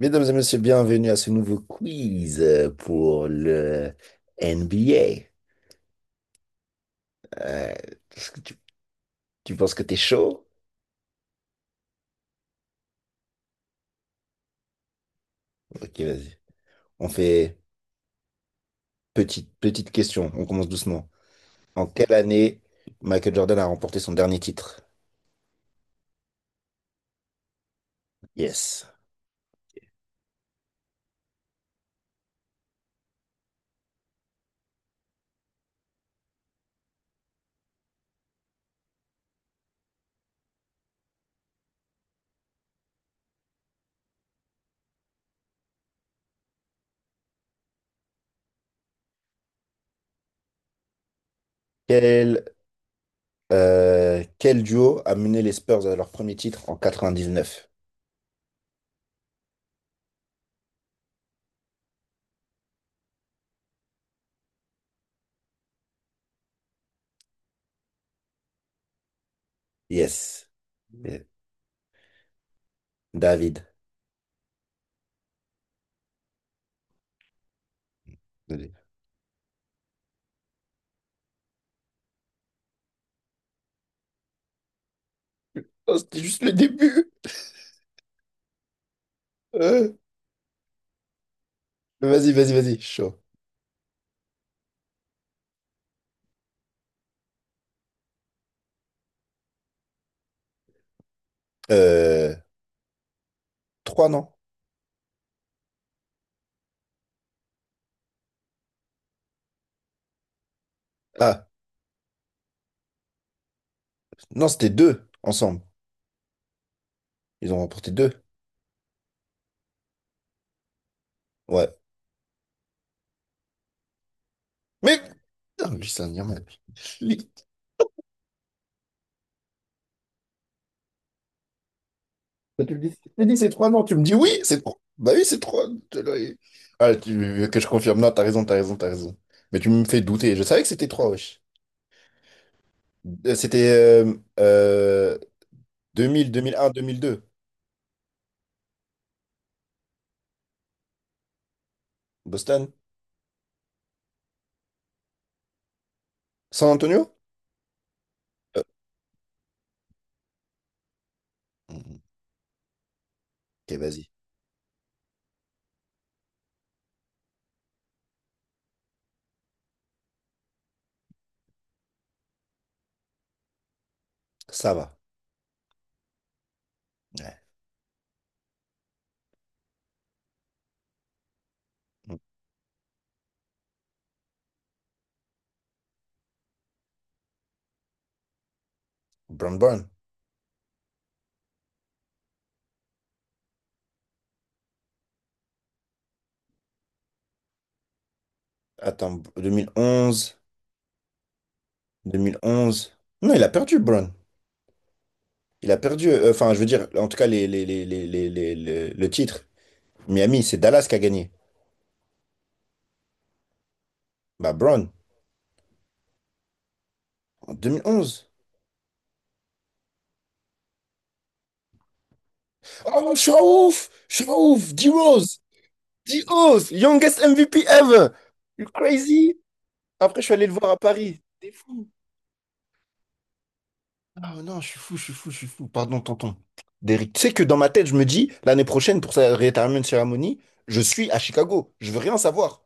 Mesdames et messieurs, bienvenue à ce nouveau quiz pour le NBA. Euh, est-ce que tu, tu penses que t'es chaud? Ok, vas-y. On fait petite question. On commence doucement. En quelle année Michael Jordan a remporté son dernier titre? Yes. Quel, quel duo a mené les Spurs à leur premier titre en 99? Yes. Eh, David. Vas-y. Oh, c'était juste le début. Euh, Vas-y, vas-y, vas-y. Chaud. Euh, trois, non? Ah, non, c'était deux ensemble. Ils ont remporté deux. Ouais. Mais putain, lui, c'est un Irlandais. Lui, quand tu me dis, c'est trois, non, tu me dis oui, c'est trois. Bah oui, c'est trois. T'es là, et- Ah, tu veux que je confirme? Non, t'as raison, t'as raison, t'as raison. Mais tu me fais douter. Je savais que c'était trois, wesh. C'était euh, 2000, 2001, 2002. Boston. San Antonio? Euh, mm, ok, vas-y. Ça va. Ouais. Mm. Brown. Attends, 2011. 2011. Non, il a perdu, Brown. Il a perdu, enfin, je veux dire, en tout cas, le titre. Miami, c'est Dallas qui a gagné. Bah, Brown, en 2011. Oh, je suis un ouf! Je suis un ouf! D-Rose! D-Rose! Youngest MVP ever! You crazy? Après, je suis allé le voir à Paris. T'es fou! Ah non, je suis fou, je suis fou, je suis fou. Pardon, tonton. Derrick, tu sais que dans ma tête, je me dis, l'année prochaine, pour sa retirement ceremony, je suis à Chicago. Je veux rien savoir.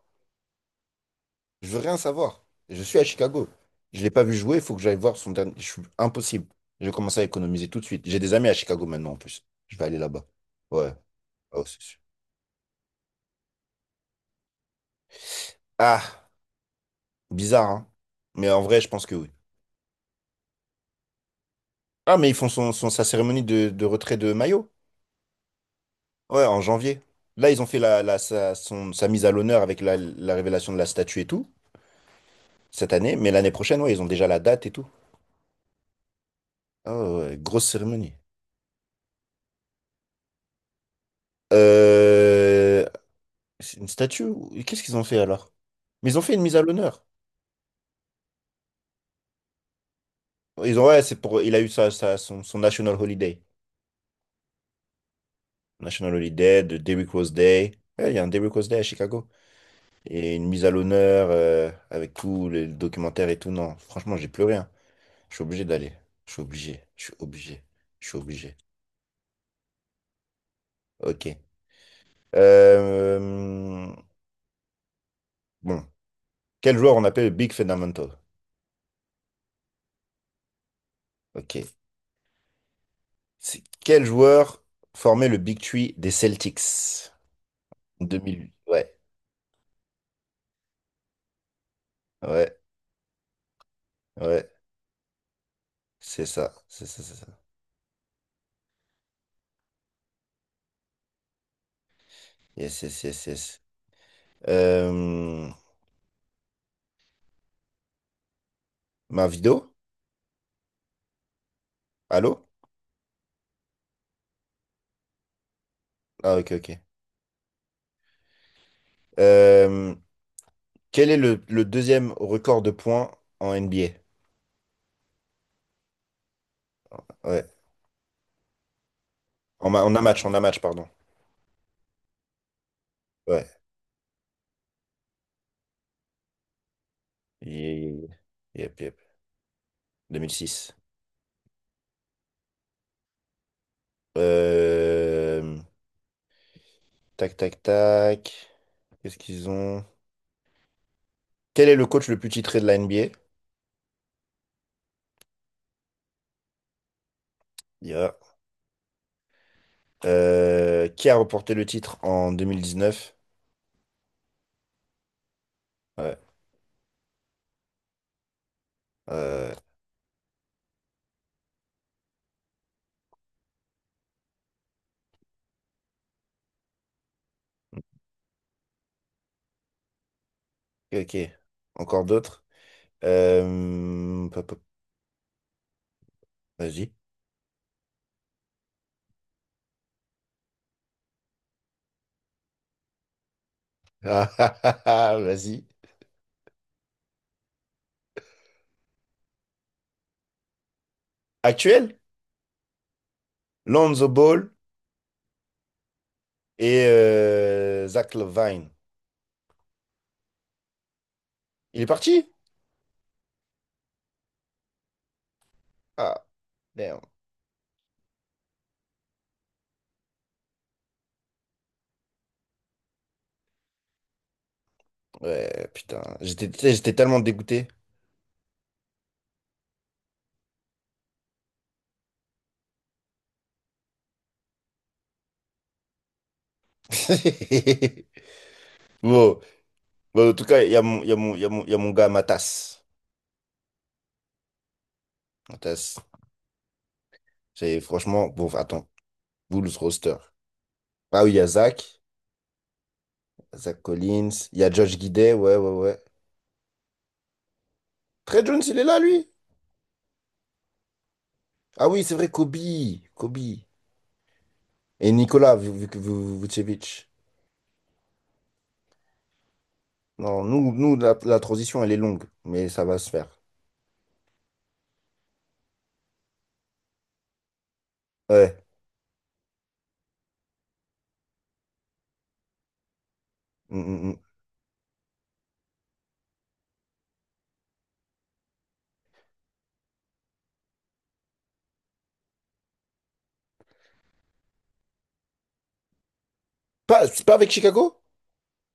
Je veux rien savoir. Je suis à Chicago. Je l'ai pas vu jouer, il faut que j'aille voir son dernier. Je suis impossible. Je vais commencer à économiser tout de suite. J'ai des amis à Chicago maintenant en plus. Je vais aller là-bas. Ouais. Ah ouais, c'est sûr. Ah, bizarre, hein. Mais en vrai, je pense que oui. Ah, mais ils font sa cérémonie de retrait de maillot. Ouais, en janvier. Là, ils ont fait sa mise à l'honneur avec la révélation de la statue et tout, cette année. Mais l'année prochaine, ouais, ils ont déjà la date et tout. Ah ouais, grosse cérémonie. Euh, C'est une statue? Ou- qu'est-ce qu'ils ont fait alors? Mais ils ont fait une mise à l'honneur. Ils ont, ouais, c'est pour, il a eu son National Holiday. National Holiday, de Derrick Rose Day. Ouais, il y a un Derrick Rose Day à Chicago. Et une mise à l'honneur avec tout le documentaire et tout. Non, franchement, j'ai plus rien. Je suis obligé d'aller. Je suis obligé. Je suis obligé. Je suis obligé. Ok. Euh, bon. Quel joueur on appelle le Big Fundamental? Ok. C'est- quel joueur formait le Big Tree des Celtics? 2008. Ouais. Ouais, ouais, c'est ça, c'est ça, c'est ça. Yes, yes, yes, yes. Euh, ma vidéo? Allô? Ah, ok, ok. Euh, quel est le deuxième record de points en NBA? Ouais, en un match, pardon. Ouais. Yep, yep, yep. 2006. Euh, tac, tac, tac. Qu'est-ce qu'ils ont? Quel est le coach le plus titré de la NBA? Yeah. Qui a remporté le titre en 2019? Ouais. Euh, ok, ok. Encore d'autres? Pop, pop, vas-y. Ah, ah, ah, ah, vas-y. Actuel? Lonzo Ball et Zach Levine. Il est parti? Ah, merde. Ouais, putain. J'étais tu sais, j'étais tellement dégoûté. Bon, bon, en tout cas, il y a mon, il y a mon, il y a mon, il y a mon gars Matas. Matas, c'est franchement, bon, attends, Bulls roster. Ah oui, il y a Zach, Zach Collins, il y a Josh Giddey, ouais, ouais, ouais. Trey Jones, il est là, lui? Ah oui, c'est vrai, Kobe, Kobe. Et Nicolas Vucevic. Non, nous, la, transition, elle est longue, mais ça va se faire. Ouais. Mm, mm, mm. Pas, c'est pas avec Chicago?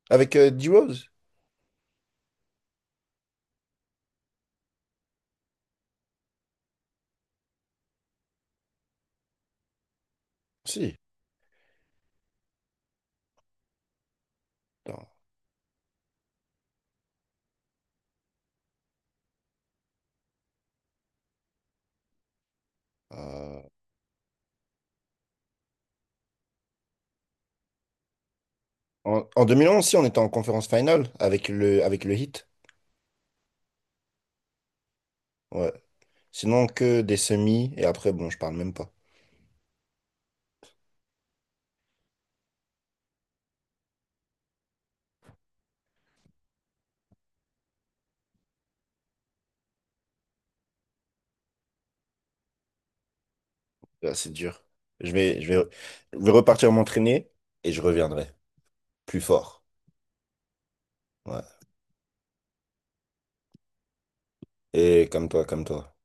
Avec D-Rose? Si. Non. Euh, en 2011 si, on était en conférence finale avec avec le Heat. Ouais. Sinon, que des semis, et après, bon, je parle même pas. Là, c'est dur. Je vais, je vais, je vais repartir m'entraîner, et je reviendrai plus fort. Ouais. Et comme toi, comme toi.